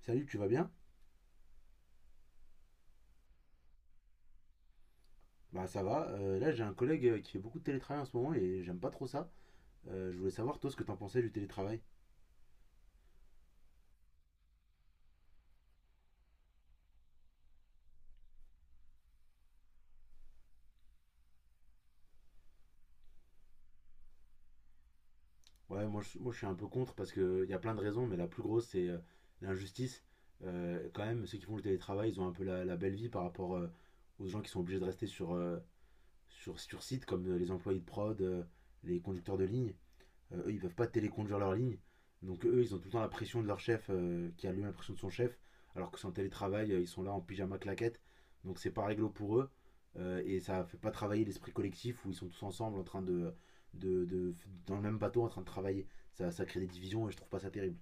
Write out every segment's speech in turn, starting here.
Salut, tu vas bien? Bah ça va. Là, j'ai un collègue qui fait beaucoup de télétravail en ce moment et j'aime pas trop ça. Je voulais savoir, toi, ce que t'en pensais du télétravail. Ouais, moi, je suis un peu contre parce qu'il y a plein de raisons, mais la plus grosse, c'est l'injustice. Quand même, ceux qui font le télétravail, ils ont un peu la belle vie par rapport aux gens qui sont obligés de rester sur site, comme les employés de prod, les conducteurs de ligne. Eux, ils peuvent pas téléconduire leur ligne. Donc eux, ils ont tout le temps la pression de leur chef, qui a lui l'impression de son chef, alors que c'est en télétravail, ils sont là en pyjama claquette. Donc c'est pas réglo pour eux. Et ça fait pas travailler l'esprit collectif où ils sont tous ensemble en train de, de- dans le même bateau en train de travailler. Ça crée des divisions et je trouve pas ça terrible.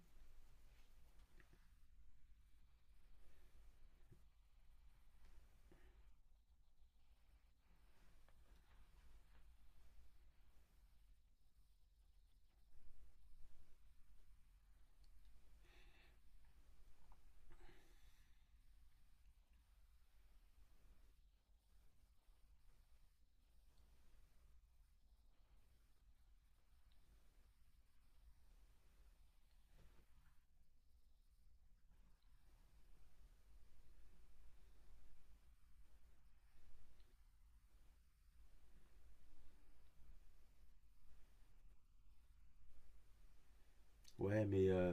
Ouais, mais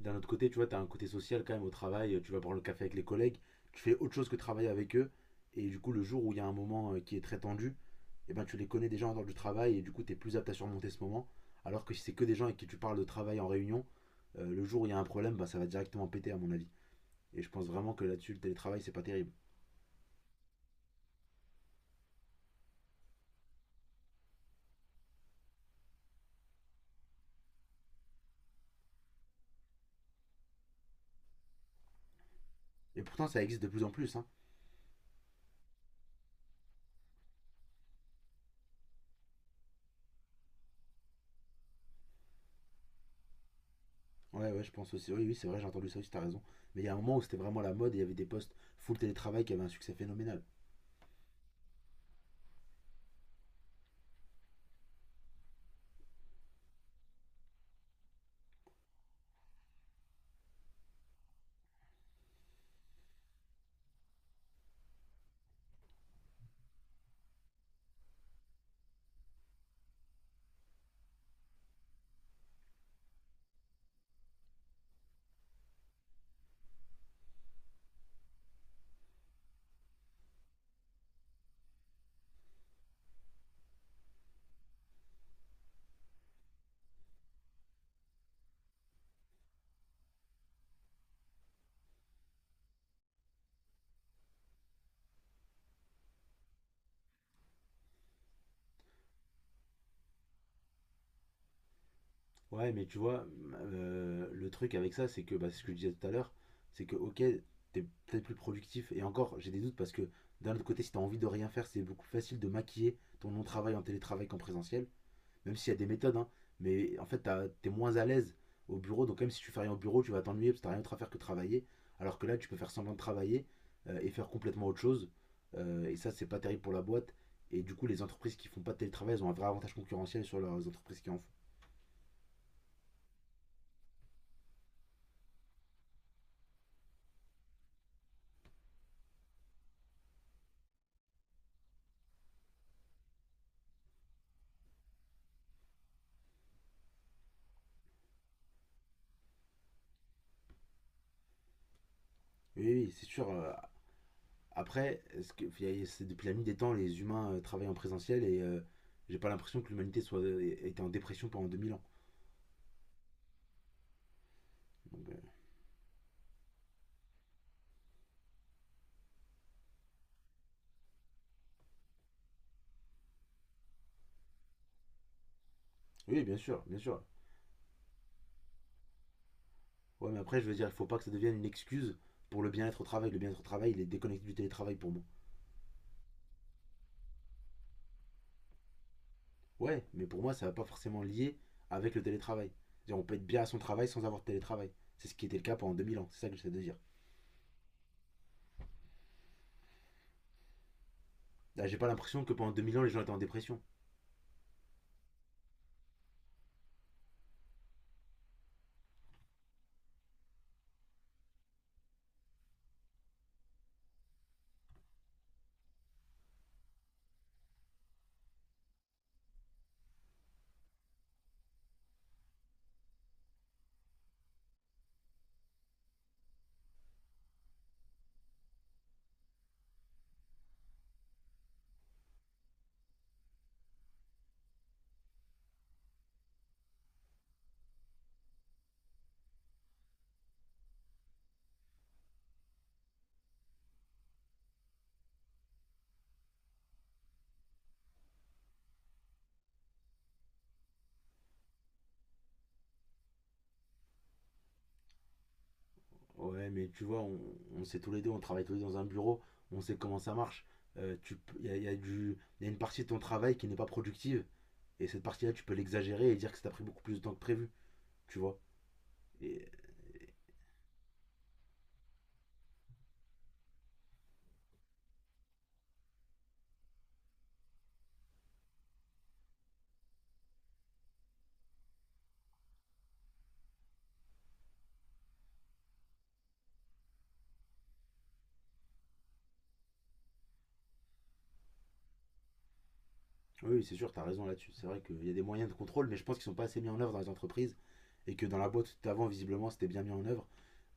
d'un autre côté, tu vois, t'as un côté social quand même au travail. Tu vas prendre le café avec les collègues, tu fais autre chose que travailler avec eux. Et du coup, le jour où il y a un moment qui est très tendu, eh ben, tu les connais déjà en dehors du travail et du coup, tu es plus apte à surmonter ce moment. Alors que si c'est que des gens avec qui tu parles de travail en réunion, le jour où il y a un problème, bah, ça va directement péter, à mon avis. Et je pense vraiment que là-dessus, le télétravail, c'est pas terrible. Et pourtant, ça existe de plus en plus, hein. Ouais, ouais, je pense aussi. Oui, oui, c'est vrai, j'ai entendu ça aussi, t'as raison. Mais il y a un moment où c'était vraiment la mode et il y avait des postes full télétravail qui avaient un succès phénoménal. Ouais, mais tu vois, le truc avec ça, c'est que, bah, c'est ce que je disais tout à l'heure, c'est que, ok, t'es peut-être plus productif, et encore, j'ai des doutes parce que, d'un autre côté, si t'as envie de rien faire, c'est beaucoup plus facile de maquiller ton non-travail en télétravail qu'en présentiel, même s'il y a des méthodes, hein, mais en fait, t'es moins à l'aise au bureau, donc même si tu fais rien au bureau, tu vas t'ennuyer parce que t'as rien d'autre à faire que travailler, alors que là, tu peux faire semblant de travailler et faire complètement autre chose, et ça, c'est pas terrible pour la boîte, et du coup, les entreprises qui font pas de télétravail, elles ont un vrai avantage concurrentiel sur leurs entreprises qui en font. Oui, oui, c'est sûr. Après, est-ce que, c'est depuis la nuit des temps, les humains travaillent en présentiel et j'ai pas l'impression que l'humanité soit était en dépression pendant 2000 ans. Donc, euh, oui, bien sûr, bien sûr. Ouais, mais après, je veux dire, il faut pas que ça devienne une excuse pour le bien-être au travail. Le bien-être au travail, il est déconnecté du télétravail pour moi. Ouais, mais pour moi, ça va pas forcément lier avec le télétravail. C'est-à-dire, on peut être bien à son travail sans avoir de télétravail. C'est ce qui était le cas pendant 2000 ans, c'est ça que j'essaie de dire. Là, j'ai pas l'impression que pendant 2000 ans, les gens étaient en dépression. Ouais, mais tu vois, on sait tous les deux, on travaille tous les deux dans un bureau, on sait comment ça marche. Il y a, il y a du, il y a une partie de ton travail qui n'est pas productive, et cette partie-là, tu peux l'exagérer et dire que ça t'a pris beaucoup plus de temps que prévu, tu vois. Et oui, oui, c'est sûr, t'as raison là-dessus. C'est vrai qu'il y a des moyens de contrôle, mais je pense qu'ils sont pas assez mis en œuvre dans les entreprises, et que dans la boîte d'avant, visiblement, c'était bien mis en œuvre.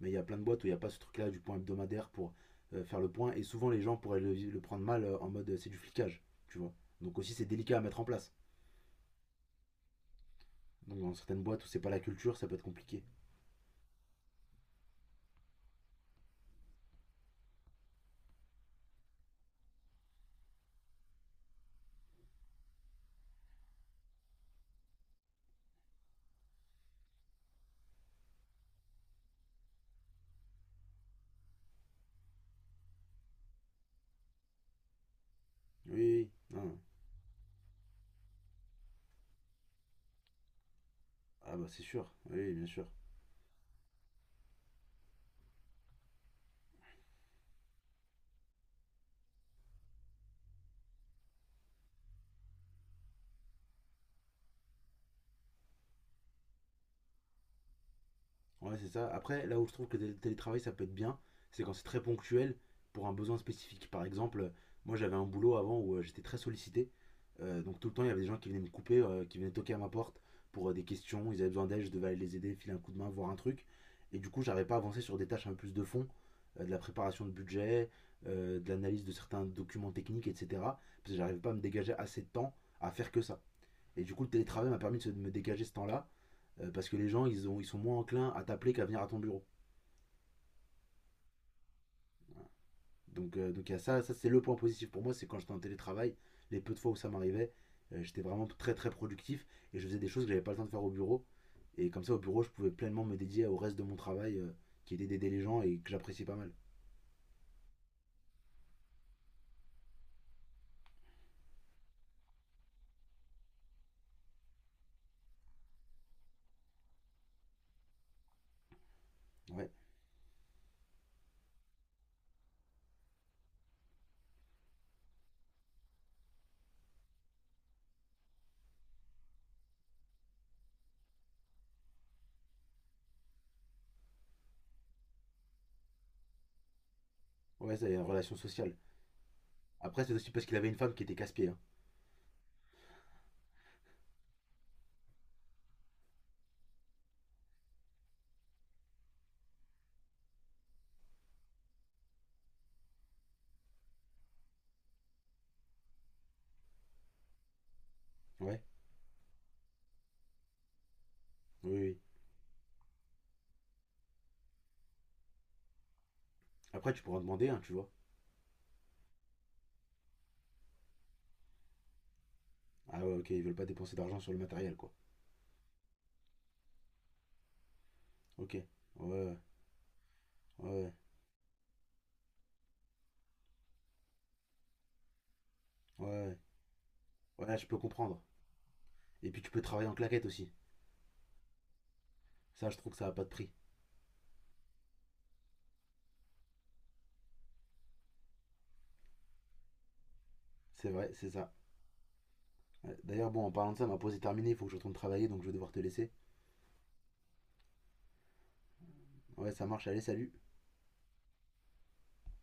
Mais il y a plein de boîtes où il n'y a pas ce truc-là du point hebdomadaire pour faire le point, et souvent les gens pourraient le prendre mal en mode c'est du flicage, tu vois. Donc aussi, c'est délicat à mettre en place. Donc, dans certaines boîtes où c'est pas la culture, ça peut être compliqué. Oui, oui, oui. Ah, ah bah c'est sûr, oui, bien sûr. Ouais, c'est ça. Après, là où je trouve que le télétravail, ça peut être bien, c'est quand c'est très ponctuel pour un besoin spécifique. Par exemple, moi j'avais un boulot avant où j'étais très sollicité. Donc tout le temps, il y avait des gens qui venaient me couper, qui venaient toquer à ma porte pour des questions. Ils avaient besoin d'aide, je devais aller les aider, filer un coup de main, voir un truc. Et du coup, j'arrivais pas à avancer sur des tâches un peu plus de fond, de la préparation de budget, de l'analyse de certains documents techniques, etc. Parce que j'arrivais pas à me dégager assez de temps à faire que ça. Et du coup, le télétravail m'a permis de me dégager ce temps-là parce que les gens, ils sont moins enclins à t'appeler qu'à venir à ton bureau. Donc il y a ça, ça c'est le point positif pour moi, c'est quand j'étais en télétravail, les peu de fois où ça m'arrivait, j'étais vraiment très très productif et je faisais des choses que j'avais pas le temps de faire au bureau. Et comme ça, au bureau, je pouvais pleinement me dédier au reste de mon travail, qui était d'aider les gens et que j'appréciais pas mal. Ouais, ouais, ça, y a une relation sociale. Après, c'est aussi parce qu'il avait une femme qui était casse-pied, hein. Ouais, oui, oui. Après, tu pourras en demander, hein, tu vois. Ah ouais, ok, ils veulent pas dépenser d'argent sur le matériel, quoi. Ok, ouais, ouais, ouais. Ouais. Ouais, je peux comprendre. Et puis tu peux travailler en claquette aussi. Ça, je trouve que ça n'a pas de prix. C'est vrai, c'est ça. Ouais. D'ailleurs, bon, en parlant de ça, ma pause est terminée, il faut que je retourne travailler, donc je vais devoir te laisser. Ouais, ça marche, allez, salut.